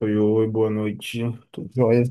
Oi, oi, boa noite. Tudo jóia?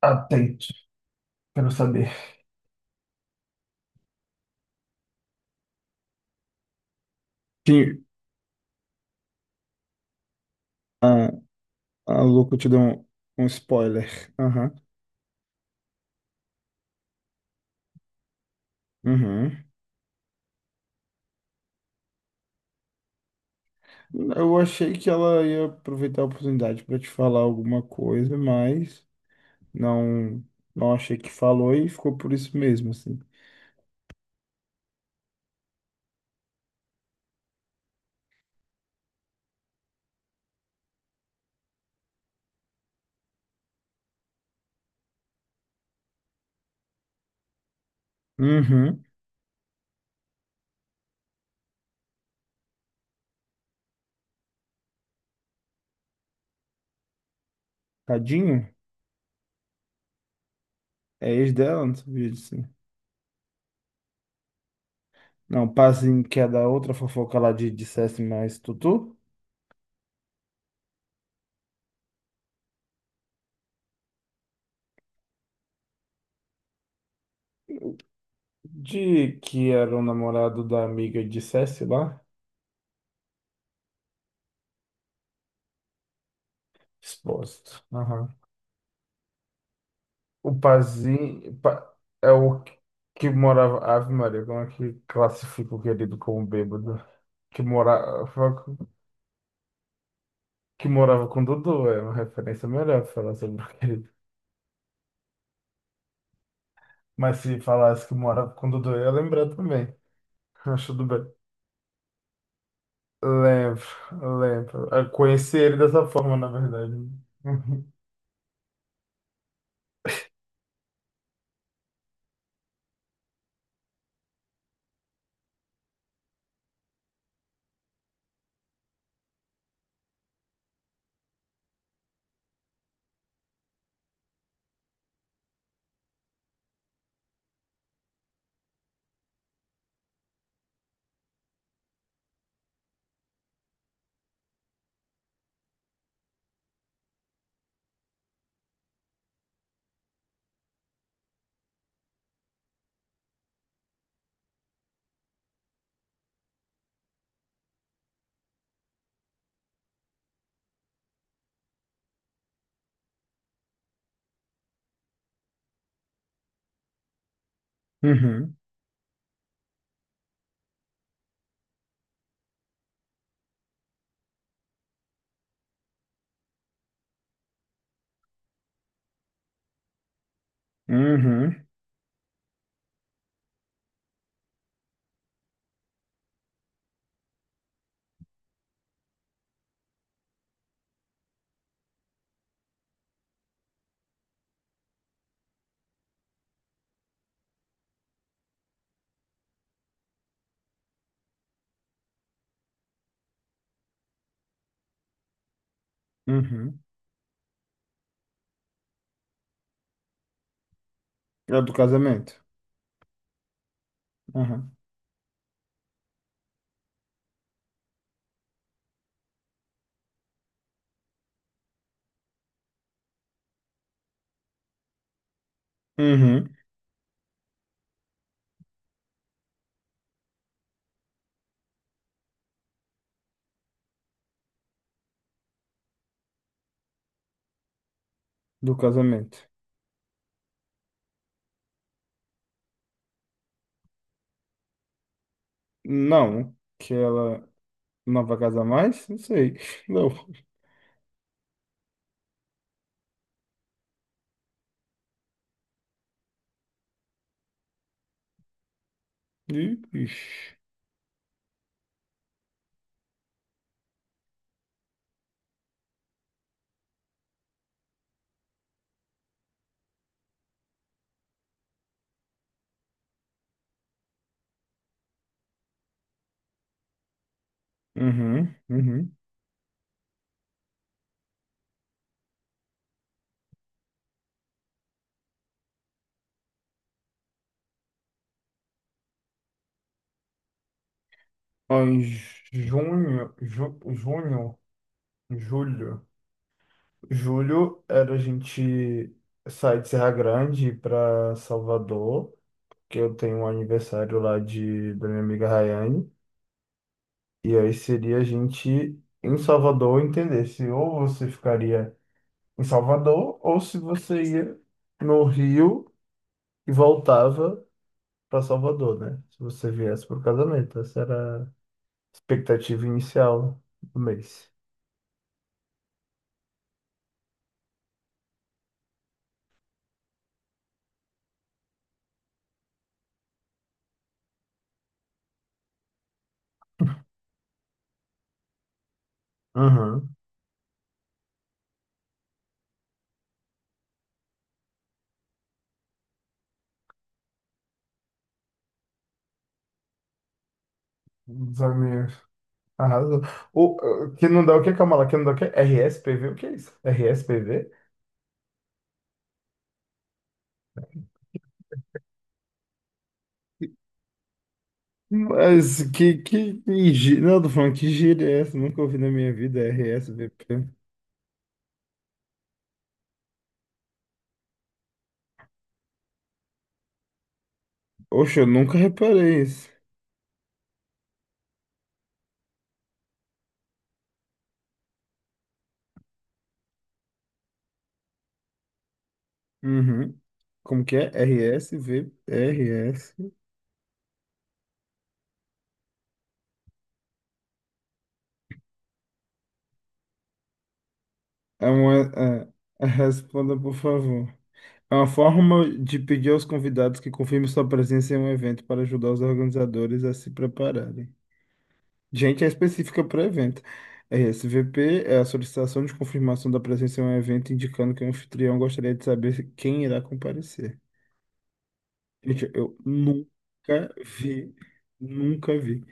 Atento, quero saber. Sim, ah, a louco te deu um spoiler. Aham, uhum. Eu achei que ela ia aproveitar a oportunidade para te falar alguma coisa, mas não, não achei que falou e ficou por isso mesmo, assim. Uhum. Tadinho? É ex dela, não sabia disso. Não, passinho que é da outra fofoca lá de dissesse mais Tutu? De que era o namorado da amiga de dissesse lá? Exposto. Aham. O Pazinho é o que que morava. Ave Maria, como é que classifica o querido como bêbado? Que morava, que morava com Dudu, é uma referência melhor pra falar sobre o querido. Mas se falasse que morava com Dudu, eu ia lembrar também. Mas tudo bem. Lembro, lembro. Eu conheci ele dessa forma, na verdade. Uhum, uhum, uhum. Uhum. É do casamento. Uhum, uhum, do casamento. Não, que ela não vai casar mais? Não sei. Não. Ih, Ixi. Uhum, uhum. Ó, em junho, junho, julho. Julho era a gente sair de Serra Grande para Salvador, que eu tenho um aniversário lá da minha amiga Rayane. E aí seria a gente em Salvador entender se ou você ficaria em Salvador ou se você ia no Rio e voltava para Salvador, né? Se você viesse para o casamento, essa era a expectativa inicial do mês. Aham. Os amigos. Arrasou. Que não dá o que, Camala? Que não dá o que? RSPV, o que é isso? RSPV? Mas que gíria. Não, eu tô falando que gíria é essa? Nunca ouvi na minha vida RSVP. Oxe, eu nunca reparei isso. Uhum. Como que é? RSV, RS. É uma. Responda, por favor. É uma forma de pedir aos convidados que confirmem sua presença em um evento para ajudar os organizadores a se prepararem. Gente, é específica para o evento. RSVP é a solicitação de confirmação da presença em um evento, indicando que o anfitrião gostaria de saber quem irá comparecer. Gente, eu nunca vi, nunca vi.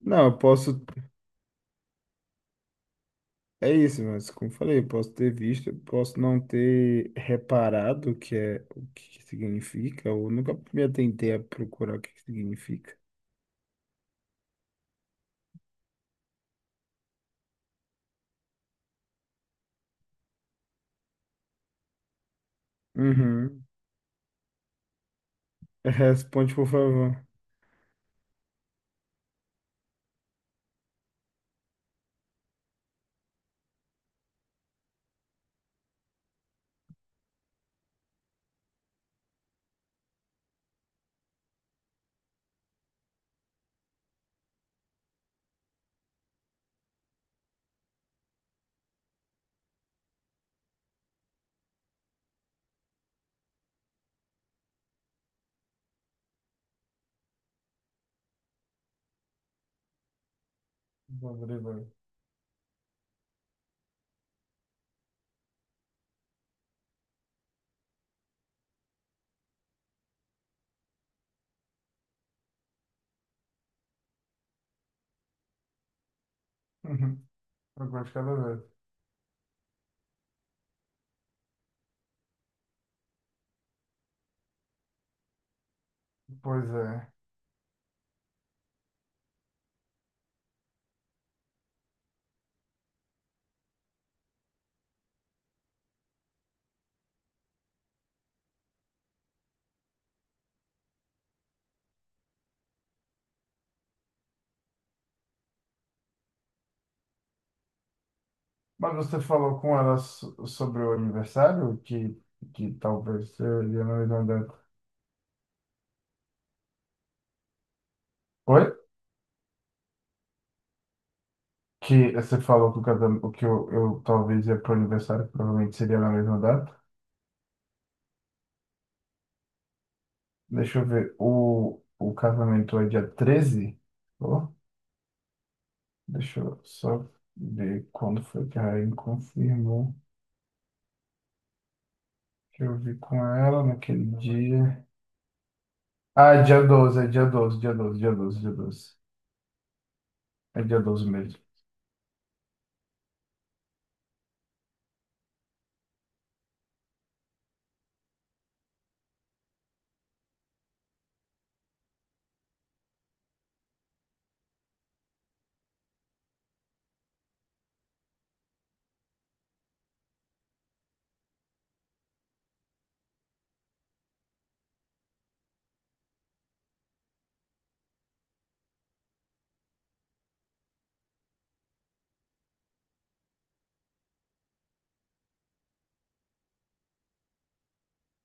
Não, eu posso. É isso, mas como eu falei, eu posso ter visto, eu posso não ter reparado o que é, o que que significa, ou nunca me atentei a procurar o que que significa. Uhum. Responde, por favor. Rodrigo. Uhum. Agora de cada vez. Pois é. Mas você falou com ela sobre o aniversário? Que talvez eu ia no Irlanda. Oi? Que você falou que, o casamento, que eu talvez ia pro aniversário, que provavelmente seria na mesma data. Deixa eu ver. O casamento é dia 13. Ó, deixa eu só ver quando foi que a Rainha confirmou que eu vi com ela naquele dia. Ah, é dia 12, é dia 12, dia 12, dia 12, dia doze. É dia 12 mesmo.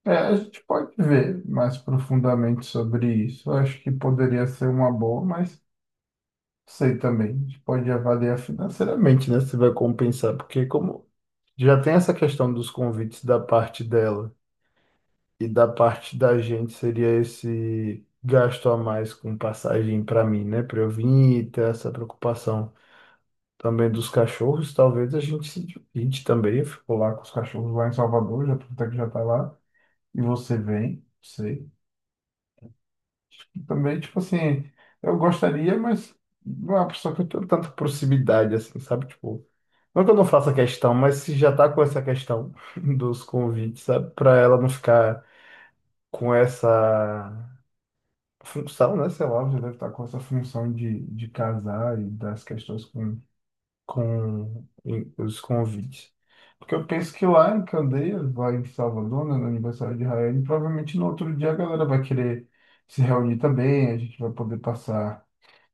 É, a gente pode ver mais profundamente sobre isso. Eu acho que poderia ser uma boa, mas sei também. A gente pode avaliar financeiramente, né? Se vai compensar, porque como já tem essa questão dos convites da parte dela e da parte da gente, seria esse gasto a mais com passagem para mim, né? Para eu vir e ter essa preocupação. Também dos cachorros, talvez a gente se divide também. Ficou lá com os cachorros lá em Salvador, já até que já tá lá, e você vem, sei. E também, tipo assim, eu gostaria, mas não é uma pessoa que eu tenho tanta proximidade, assim, sabe? Tipo, não que eu não faça questão, mas se já tá com essa questão dos convites, sabe? Pra ela não ficar com essa função, né? Sei lá, já deve estar com essa função de casar e das questões com os convites. Porque eu penso que lá em Candeias, lá em Salvador, né, no aniversário de Rael, provavelmente no outro dia a galera vai querer se reunir também, a gente vai poder passar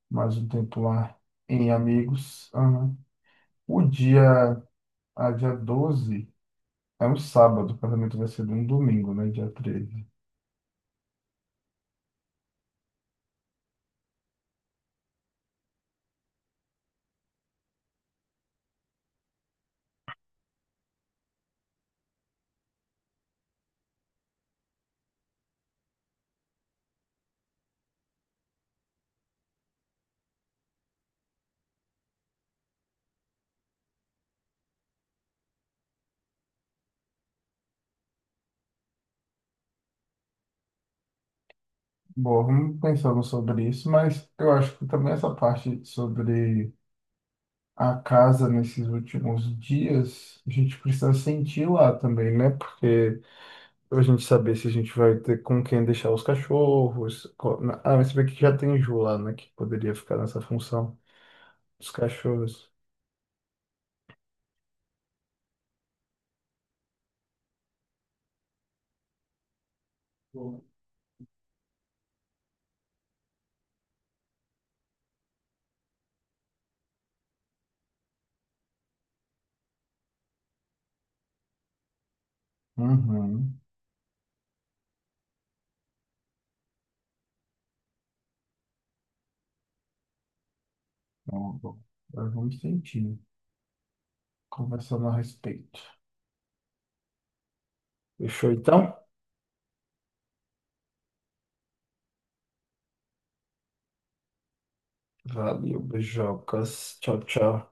mais um tempo lá em amigos. Aham. O dia, a dia 12 é um sábado, o casamento vai ser num domingo, né, dia 13. Bom, vamos pensando sobre isso, mas eu acho que também essa parte sobre a casa nesses últimos dias, a gente precisa sentir lá também, né? Porque pra gente saber se a gente vai ter com quem deixar os cachorros. Ah, mas você vê que já tem Ju lá, né? Que poderia ficar nessa função dos cachorros. Bom. Uhum. Bom, bom. Agora vamos sentir, né? Conversando a respeito. Fechou então? Valeu, beijocas. Tchau, tchau.